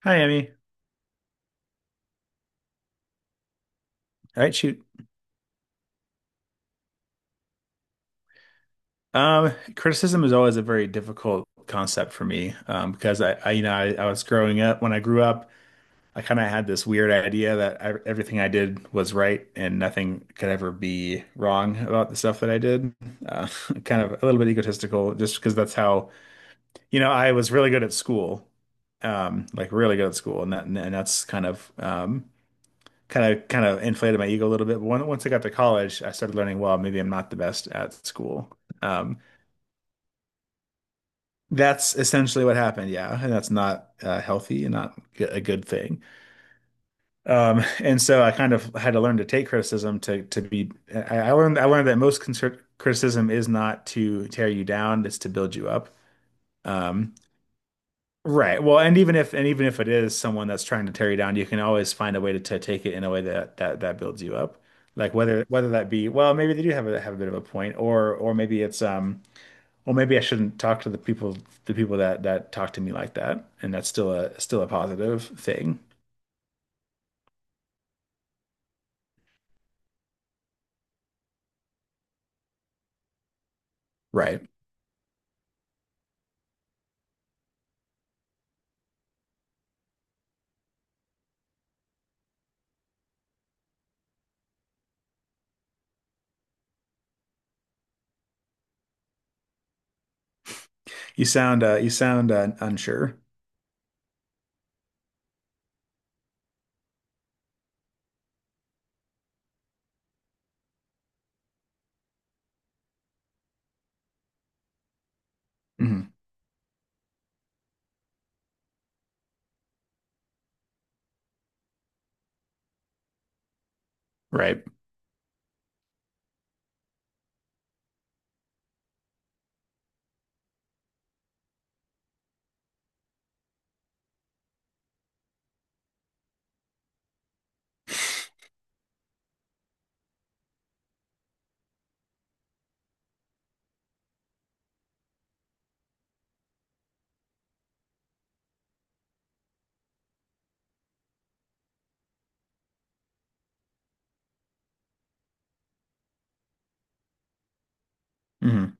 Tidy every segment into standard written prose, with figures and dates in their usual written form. Hi, Emmy. All right, shoot. Criticism is always a very difficult concept for me because you know, I was growing up. I kind of had this weird idea that everything I did was right and nothing could ever be wrong about the stuff that I did. Uh, Kind of a little bit egotistical, just because that's how I was really good at school, like really good at school, and and that's kind of inflated my ego a little bit. Once I got to college, I started learning, well, maybe I'm not the best at school. Um, that's essentially what happened, yeah, and that's not healthy and not a good thing. And so I kind of had to learn to take criticism to be. I learned that most concert criticism is not to tear you down; it's to build you up. Um, Right. Well, and even if it is someone that's trying to tear you down, you can always find a way to take it in a way that builds you up. Like whether that be, well, maybe they do have a bit of a point, or maybe it's well, maybe I shouldn't talk to the people that talk to me like that, and that's still a positive thing. Right. You sound unsure. Mhm. Right. Hmm.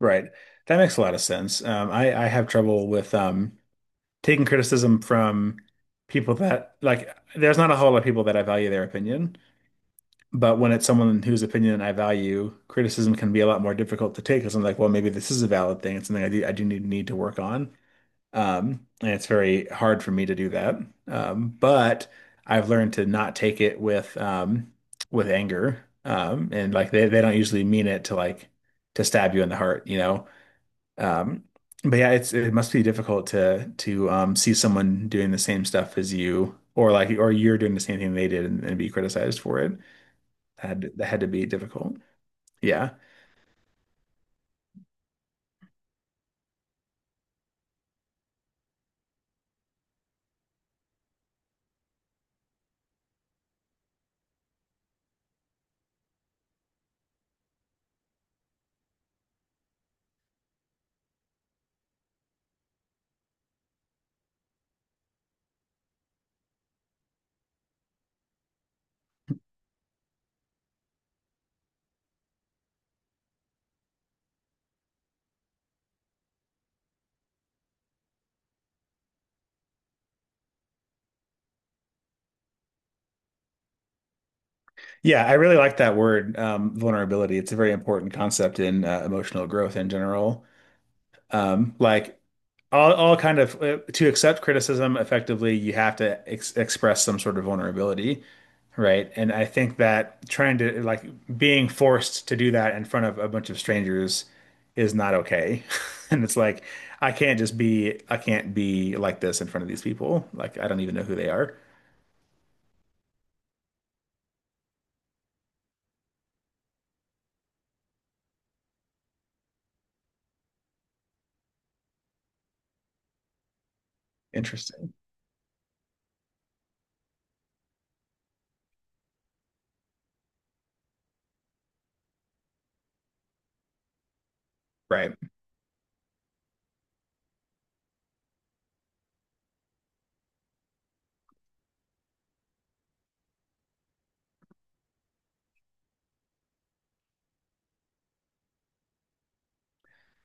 Right. That makes a lot of sense. Um, I have trouble with taking criticism from people that there's not a whole lot of people that I value their opinion, but when it's someone whose opinion I value, criticism can be a lot more difficult to take because I'm like, well, maybe this is a valid thing. It's something I do need to work on. And it's very hard for me to do that. But I've learned to not take it with anger. And like they don't usually mean it to to stab you in the heart, you know. Um, but yeah, it must be difficult to see someone doing the same stuff as you, or you're doing the same thing they did and be criticized for it. That had to be difficult. Yeah, yeah, I really like that word, vulnerability. It's a very important concept in emotional growth in general. Like all kind of to accept criticism effectively, you have to ex express some sort of vulnerability, right? And I think that trying to being forced to do that in front of a bunch of strangers is not okay. And it's like I can't be like this in front of these people. Like I don't even know who they are. Interesting. Right.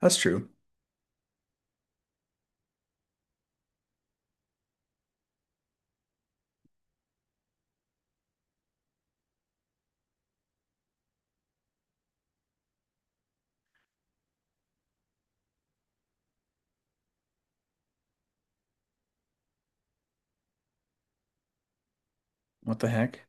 That's true. What the heck?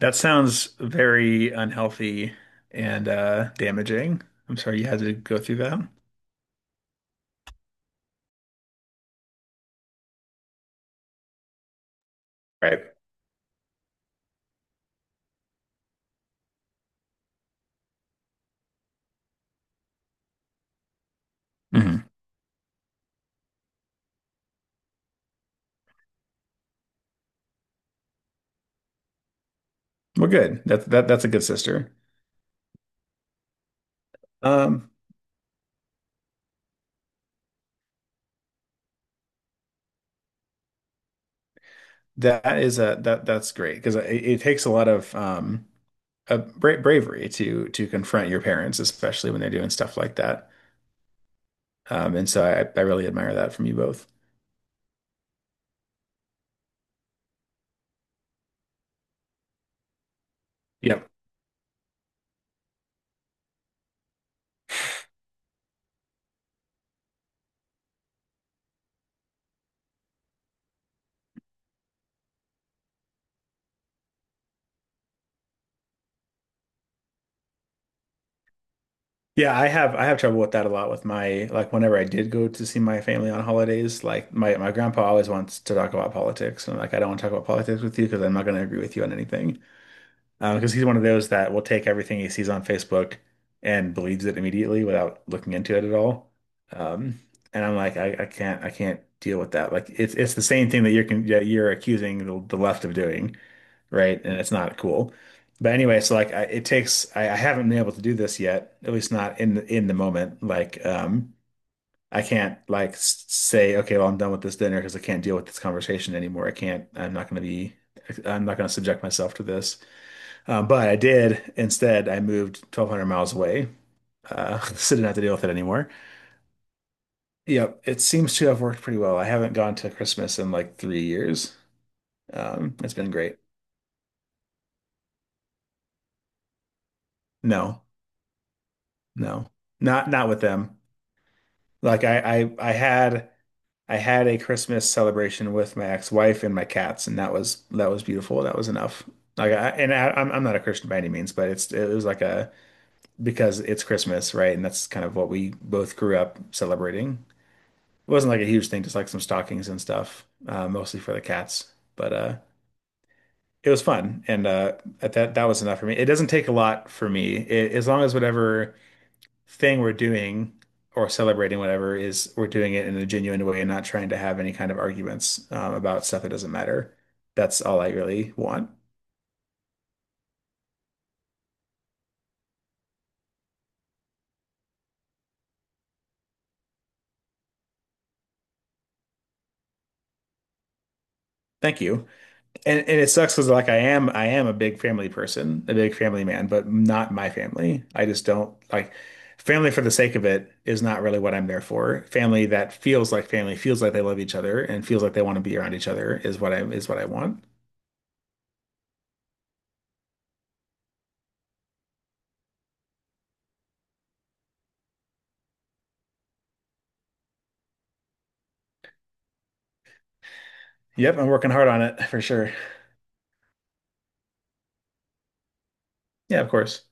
That sounds very unhealthy and damaging. I'm sorry you had to go through that. Right. Mhm. Well, good. That that's a good sister. Um, that is a that that's great because it takes a lot of a bra bravery to confront your parents, especially when they're doing stuff like that. And so I really admire that from you both. Yep. Yeah, I have trouble with that a lot with my like whenever I did go to see my family on holidays, like my grandpa always wants to talk about politics, and I'm like I don't want to talk about politics with you because I'm not going to agree with you on anything. Because he's one of those that will take everything he sees on Facebook and believes it immediately without looking into it at all. Um, and I'm like, I can't deal with that. Like, it's the same thing that you're con that you're accusing the left of doing, right? And it's not cool. But anyway, so like, it takes. I haven't been able to do this yet, at least not in in the moment. Like, I can't like say, okay, well, I'm done with this dinner because I can't deal with this conversation anymore. I can't. I'm not going to be. I'm not going to subject myself to this. But I did instead. I moved 1,200 miles away, so didn't have to deal with it anymore. Yep, it seems to have worked pretty well. I haven't gone to Christmas in like 3 years. It's been great. No, no, not not with them. Like I had a Christmas celebration with my ex-wife and my cats, and that was beautiful. That was enough. Like I'm not a Christian by any means, but it was like a because it's Christmas, right? And that's kind of what we both grew up celebrating. It wasn't like a huge thing, just like some stockings and stuff, mostly for the cats. But it was fun, and that was enough for me. It doesn't take a lot for me, as long as whatever thing we're doing or celebrating whatever is we're doing it in a genuine way and not trying to have any kind of arguments about stuff that doesn't matter. That's all I really want. Thank you and it sucks because like I am a big family person, a big family man, but not my family. I just don't like family for the sake of it is not really what I'm there for. Family that feels like family, feels like they love each other and feels like they want to be around each other is what I want. Yep, I'm working hard on it for sure. Yeah, of course.